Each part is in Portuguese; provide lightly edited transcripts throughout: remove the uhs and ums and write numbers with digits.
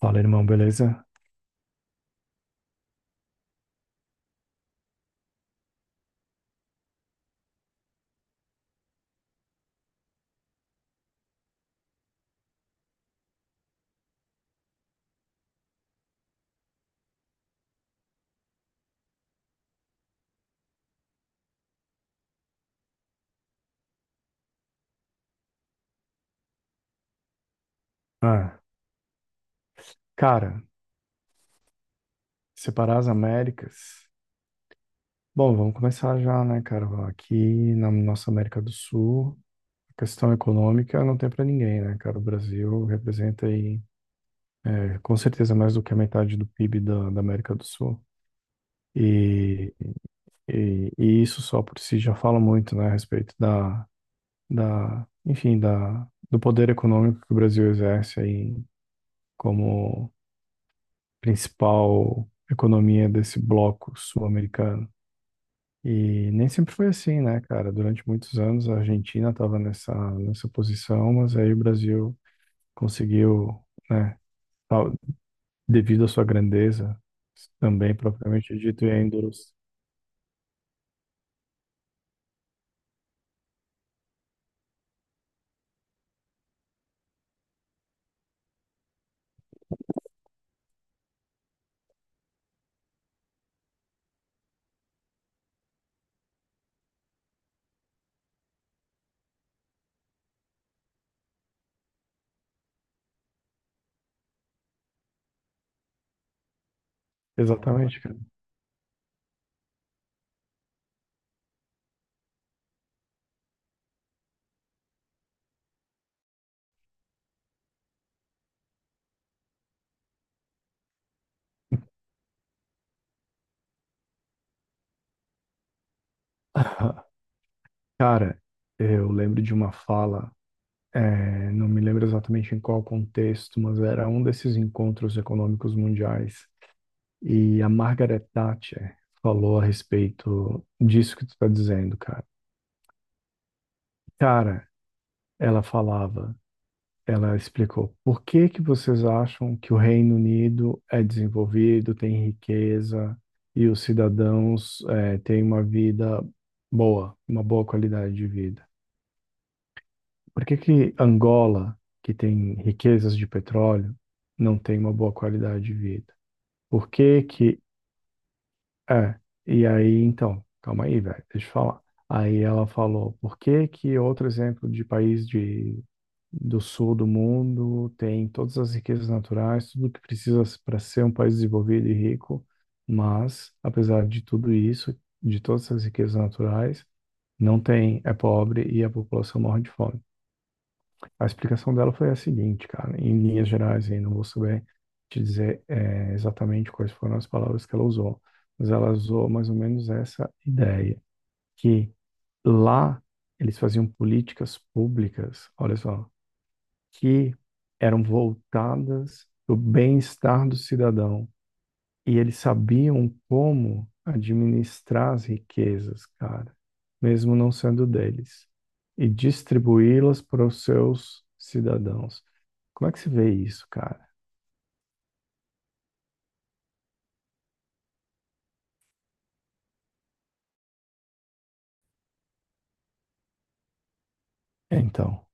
Fala, irmão, beleza? Ah, cara, separar as Américas. Bom, vamos começar já, né, cara? Aqui na nossa América do Sul, a questão econômica não tem pra ninguém, né, cara? O Brasil representa aí, é, com certeza, mais do que a metade do PIB da América do Sul. E, e isso só por si já fala muito, né, a respeito da do poder econômico que o Brasil exerce aí como principal economia desse bloco sul-americano. E nem sempre foi assim, né, cara? Durante muitos anos a Argentina estava nessa posição, mas aí o Brasil conseguiu, né, tal- devido à sua grandeza, também propriamente dito, e a endurece. Exatamente, cara. Cara, eu lembro de uma fala, não me lembro exatamente em qual contexto, mas era um desses encontros econômicos mundiais, e a Margaret Thatcher falou a respeito disso que tu tá dizendo, cara. Cara, ela falava, ela explicou, por que que vocês acham que o Reino Unido é desenvolvido, tem riqueza e os cidadãos têm uma vida boa, uma boa qualidade de vida? Por que que Angola, que tem riquezas de petróleo, não tem uma boa qualidade de vida? Por que que... É, e aí, então, calma aí, velho, deixa eu falar. Aí ela falou, por que que outro exemplo de país de, do sul do mundo tem todas as riquezas naturais, tudo que precisa para ser um país desenvolvido e rico, mas, apesar de tudo isso, de todas essas riquezas naturais, não tem, é pobre e a população morre de fome. A explicação dela foi a seguinte, cara, em linhas gerais, aí não vou saber te dizer, exatamente quais foram as palavras que ela usou, mas ela usou mais ou menos essa ideia, que lá eles faziam políticas públicas, olha só, que eram voltadas para o bem-estar do cidadão e eles sabiam como administrar as riquezas, cara, mesmo não sendo deles, e distribuí-las para os seus cidadãos. Como é que se vê isso, cara? É. Então,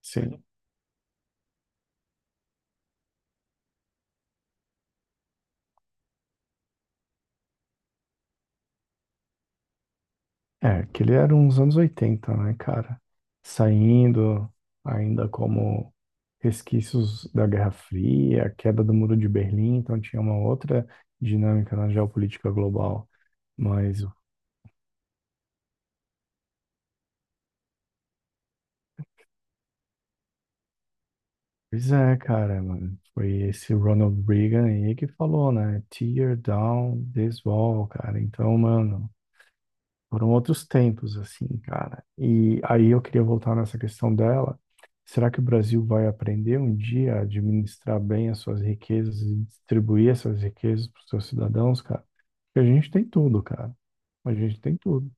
sim. É, que ele era uns anos 80, né, cara? Saindo ainda como resquícios da Guerra Fria, a queda do Muro de Berlim, então tinha uma outra dinâmica na geopolítica global. Mas... Pois é, cara, mano. Foi esse Ronald Reagan aí que falou, né? Tear down this wall, cara. Então, mano, foram outros tempos, assim, cara. E aí eu queria voltar nessa questão dela. Será que o Brasil vai aprender um dia a administrar bem as suas riquezas e distribuir essas riquezas para os seus cidadãos, cara? Porque a gente tem tudo, cara. A gente tem tudo.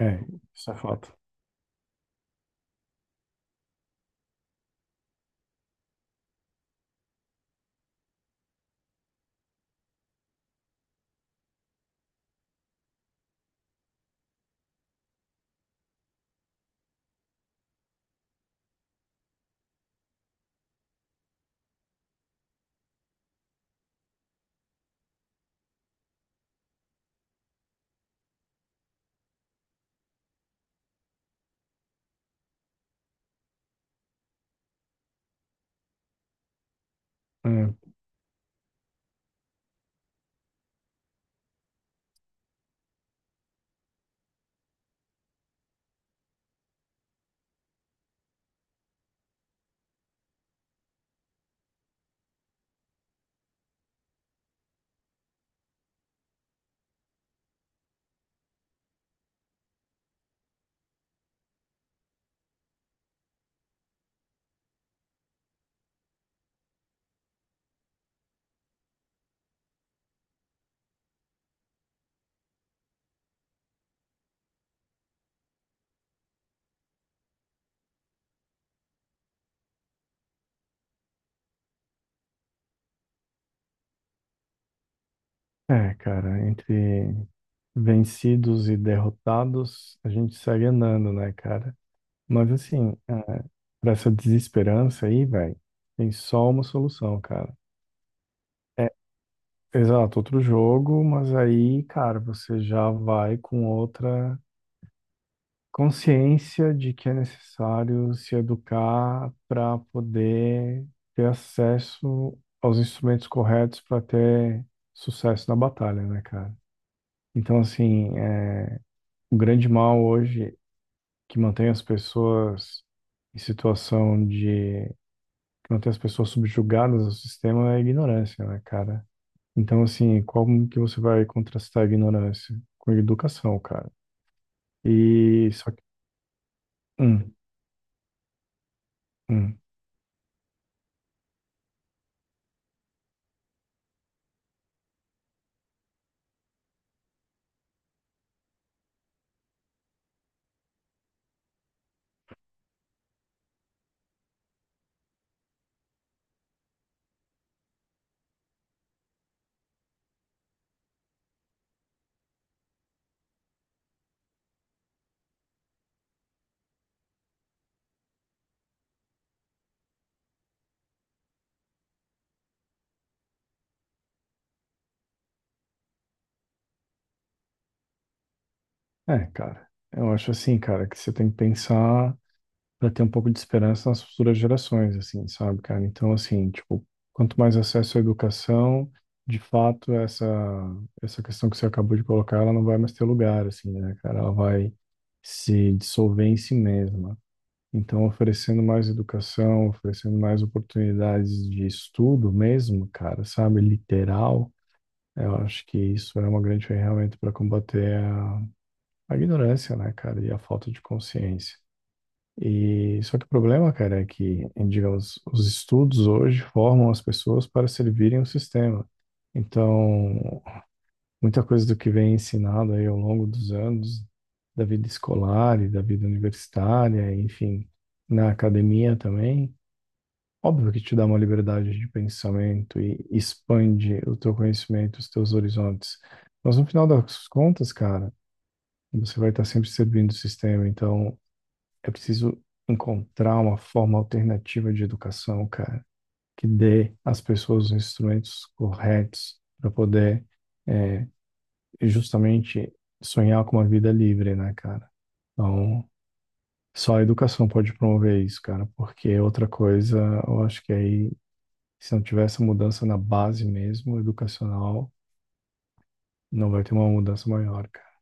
É, isso é fato. É, é, cara, entre vencidos e derrotados, a gente segue andando, né, cara? Mas assim, ah, pra essa desesperança aí, velho, tem só uma solução, cara. É, exato, outro jogo, mas aí, cara, você já vai com outra consciência de que é necessário se educar para poder ter acesso aos instrumentos corretos para ter sucesso na batalha, né, cara? Então, assim, é, o grande mal hoje que mantém as pessoas em situação de... que mantém as pessoas subjugadas ao sistema é a ignorância, né, cara? Então, assim, como que você vai contrastar a ignorância? Com a educação, cara. E só que... Hum, hum. É, cara, eu acho assim, cara, que você tem que pensar para ter um pouco de esperança nas futuras gerações, assim, sabe, cara? Então, assim, tipo, quanto mais acesso à educação, de fato, essa questão que você acabou de colocar, ela não vai mais ter lugar, assim, né, cara? Ela vai se dissolver em si mesma. Então, oferecendo mais educação, oferecendo mais oportunidades de estudo mesmo, cara, sabe, literal, eu acho que isso é uma grande ferramenta para combater a ignorância, né, cara, e a falta de consciência. E só que o problema, cara, é que, digamos, os estudos hoje formam as pessoas para servirem o sistema. Então, muita coisa do que vem ensinado aí ao longo dos anos, da vida escolar e da vida universitária, enfim, na academia também, óbvio que te dá uma liberdade de pensamento e expande o teu conhecimento, os teus horizontes. Mas no final das contas, cara, você vai estar sempre servindo o sistema. Então, é preciso encontrar uma forma alternativa de educação, cara, que dê às pessoas os instrumentos corretos para poder justamente sonhar com uma vida livre, né, cara? Então, só a educação pode promover isso, cara, porque outra coisa, eu acho que aí, se não tiver essa mudança na base mesmo, educacional, não vai ter uma mudança maior, cara.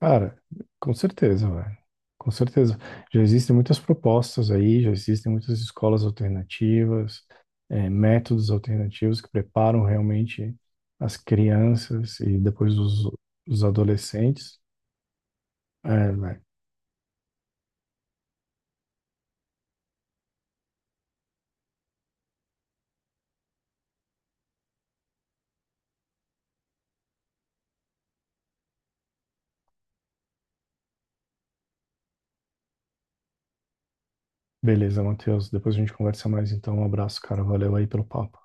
Cara, com certeza, velho. Com certeza. Já existem muitas propostas aí, já existem muitas escolas alternativas, métodos alternativos que preparam realmente as crianças e depois os adolescentes. É, velho. Beleza, Matheus. Depois a gente conversa mais, então. Um abraço, cara. Valeu aí pelo papo.